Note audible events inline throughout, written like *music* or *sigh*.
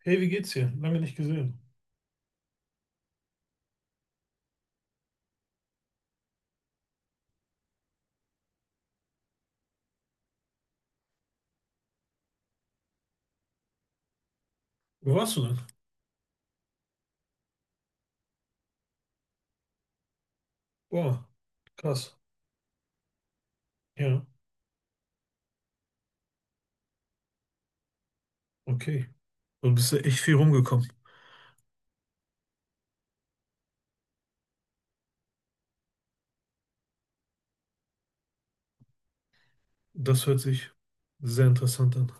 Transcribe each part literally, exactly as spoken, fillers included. Hey, wie geht's dir? Lange nicht gesehen. Wo warst du denn? Boah, krass. Ja, okay. Du bist ja echt viel rumgekommen. Das hört sich sehr interessant an.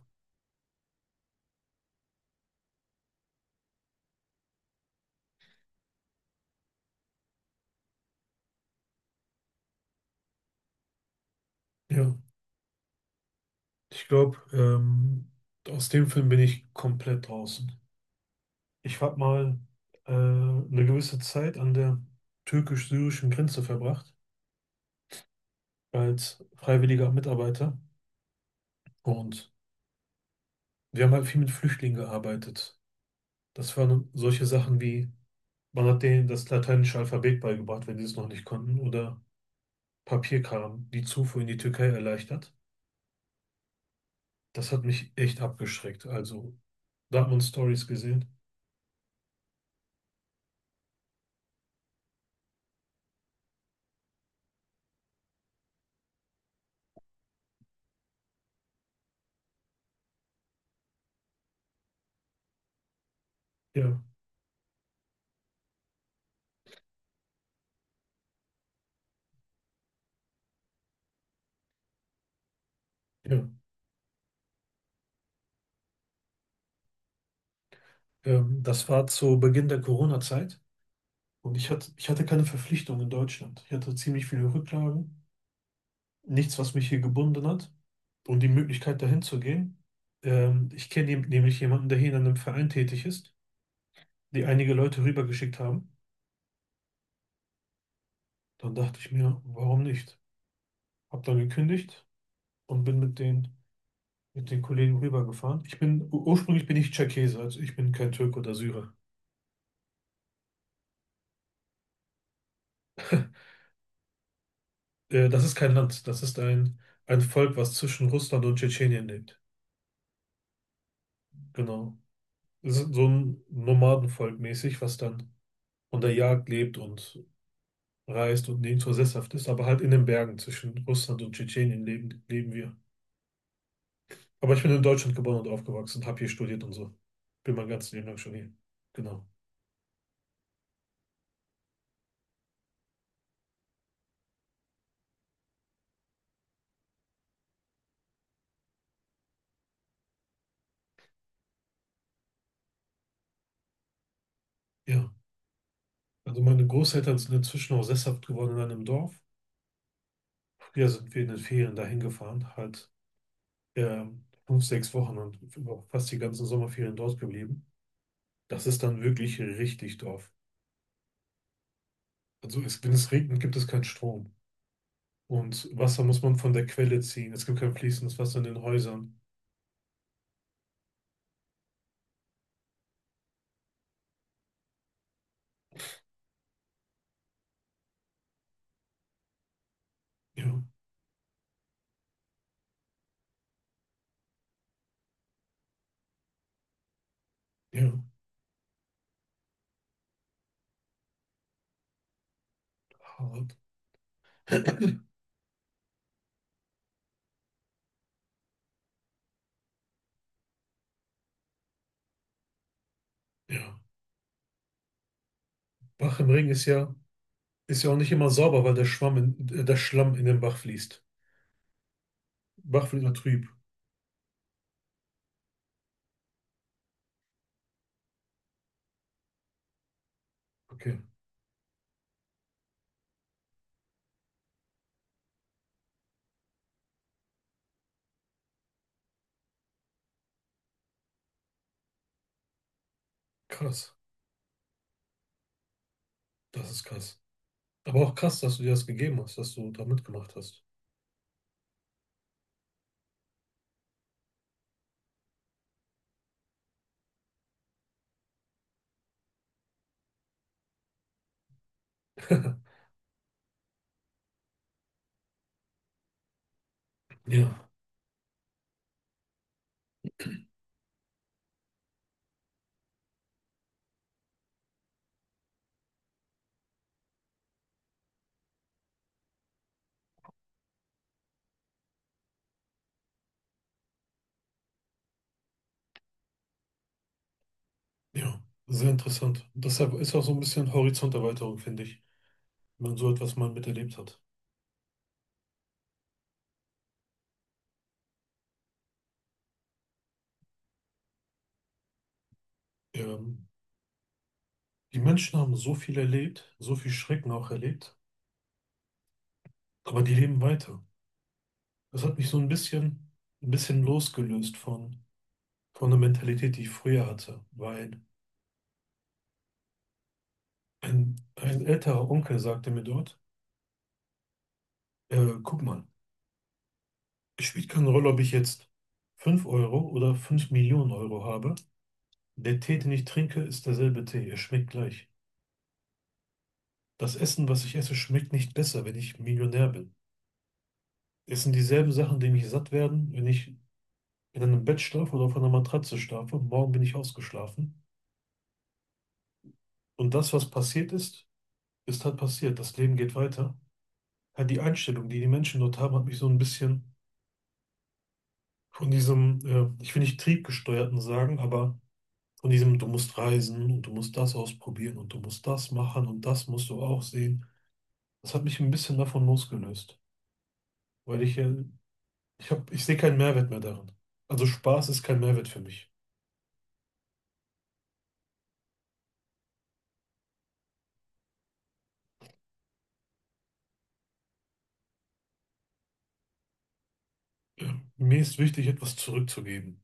Ja, ich glaube, ähm, aus dem Film bin ich komplett draußen. Ich habe mal äh, eine gewisse Zeit an der türkisch-syrischen Grenze verbracht, als freiwilliger Mitarbeiter. Und wir haben halt viel mit Flüchtlingen gearbeitet. Das waren solche Sachen wie: Man hat denen das lateinische Alphabet beigebracht, wenn die es noch nicht konnten, oder Papierkram, die Zufuhr in die Türkei erleichtert. Das hat mich echt abgeschreckt. Also, da hat man Stories gesehen. Ja, ja. Ähm, das war zu Beginn der Corona-Zeit und ich hatte, ich hatte keine Verpflichtung in Deutschland. Ich hatte ziemlich viele Rücklagen, nichts, was mich hier gebunden hat, und die Möglichkeit, dahin zu gehen. Ähm, ich kenne jem- nämlich jemanden, der hier in einem Verein tätig ist, die einige Leute rübergeschickt haben. Dann dachte ich mir, warum nicht? Hab dann gekündigt und bin mit den, mit den Kollegen rübergefahren. Ich bin, ur- ursprünglich bin ich Tscherkesse, also ich bin kein Türke oder Syrer. Äh, das ist kein Land, das ist ein, ein Volk, was zwischen Russland und Tschetschenien lebt. Genau. Es ist so ein Nomadenvolk mäßig, was dann von der Jagd lebt und reist und nirgendwo sesshaft ist, aber halt in den Bergen zwischen Russland und Tschetschenien leben, leben wir. Aber ich bin in Deutschland geboren und aufgewachsen, habe hier studiert und so. Bin mein ganzes Leben lang schon hier. Genau. Ja. Also meine Großeltern sind inzwischen auch sesshaft geworden in einem Dorf. Früher sind wir in den Ferien dahin gefahren, halt ähm, fünf, sechs Wochen, und über fast die ganzen Sommerferien dort geblieben. Das ist dann wirklich richtig Dorf. Also es, wenn es regnet, gibt es keinen Strom. Und Wasser muss man von der Quelle ziehen. Es gibt kein fließendes Wasser in den Häusern. Ja, ja, hart. *clears throat* Ja. Bach im Ring ist ja, ist ja auch nicht immer sauber, weil der Schwamm in, äh, der Schlamm in den Bach fließt. Bach wird immer trüb. Okay, krass. Das ist krass. Aber auch krass, dass du dir das gegeben hast, dass du da mitgemacht hast. *laughs* Ja, ja, sehr interessant. Deshalb ist auch so ein bisschen Horizonterweiterung, finde ich, wenn man so etwas mal miterlebt hat. Ähm, die Menschen haben so viel erlebt, so viel Schrecken auch erlebt, aber die leben weiter. Das hat mich so ein bisschen, ein bisschen losgelöst von, von der Mentalität, die ich früher hatte, weil ein, ein älterer Onkel sagte mir dort, äh, guck mal, es spielt keine Rolle, ob ich jetzt fünf Euro oder fünf Millionen Euro habe. Der Tee, den ich trinke, ist derselbe Tee. Er schmeckt gleich. Das Essen, was ich esse, schmeckt nicht besser, wenn ich Millionär bin. Es sind dieselben Sachen, die mich satt werden, wenn ich in einem Bett schlafe oder auf einer Matratze schlafe. Morgen bin ich ausgeschlafen. Und das, was passiert ist, ist halt passiert. Das Leben geht weiter. Halt die Einstellung, die die Menschen dort haben, hat mich so ein bisschen von diesem, äh, ich will nicht triebgesteuerten sagen, aber von diesem: du musst reisen und du musst das ausprobieren und du musst das machen und das musst du auch sehen. Das hat mich ein bisschen davon losgelöst, weil ich äh, Ich hab, ich sehe keinen Mehrwert mehr darin. Also Spaß ist kein Mehrwert für mich. Mir ist wichtig, etwas zurückzugeben.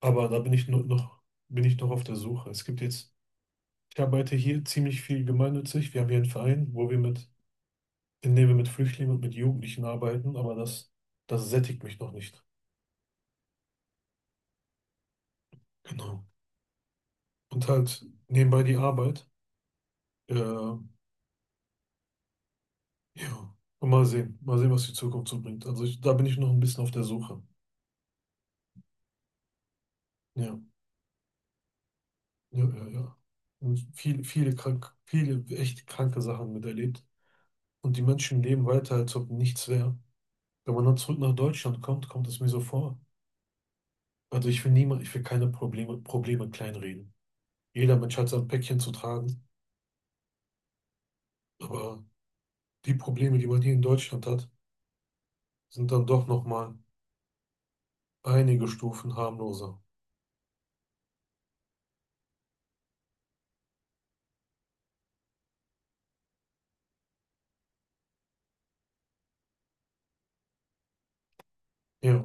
Aber da bin ich nur noch, bin ich noch auf der Suche. Es gibt jetzt, ich arbeite hier ziemlich viel gemeinnützig. Wir haben hier einen Verein, wo wir mit, in dem wir mit Flüchtlingen und mit Jugendlichen arbeiten, aber das, das sättigt mich noch nicht. Genau. Und halt nebenbei die Arbeit. Äh, ja. Und mal sehen. Mal sehen, was die Zukunft so bringt. Also ich, da bin ich noch ein bisschen auf der Suche. Ja. Ja, ja, ja. Und viele, viele krank, viele echt kranke Sachen miterlebt. Und die Menschen leben weiter, als ob nichts wäre. Wenn man dann zurück nach Deutschland kommt, kommt es mir so vor. Also ich will niemand, ich will keine Probleme, Probleme kleinreden. Jeder Mensch hat sein Päckchen zu tragen. Aber die Probleme, die man hier in Deutschland hat, sind dann doch nochmal einige Stufen harmloser. Ja,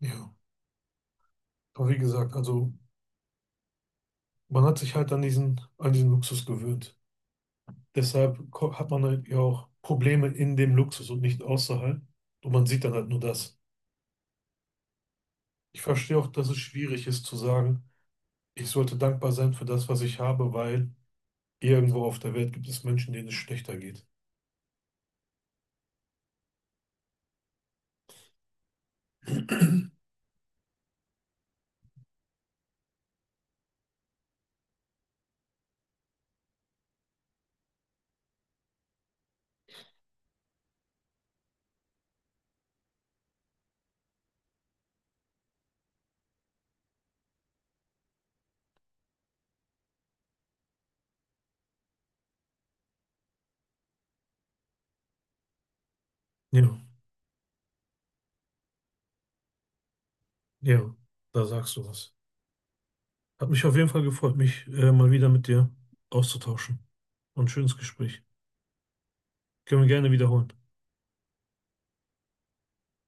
ja. Aber wie gesagt, also man hat sich halt an diesen, an diesen Luxus gewöhnt. Deshalb ko- hat man halt ja auch Probleme in dem Luxus und nicht außerhalb. Und man sieht dann halt nur das. Ich verstehe auch, dass es schwierig ist zu sagen, ich sollte dankbar sein für das, was ich habe, weil irgendwo auf der Welt gibt es Menschen, denen es schlechter geht. Ja, ja, da sagst du was. Hat mich auf jeden Fall gefreut, mich äh, mal wieder mit dir auszutauschen. Und ein schönes Gespräch. Können wir gerne wiederholen.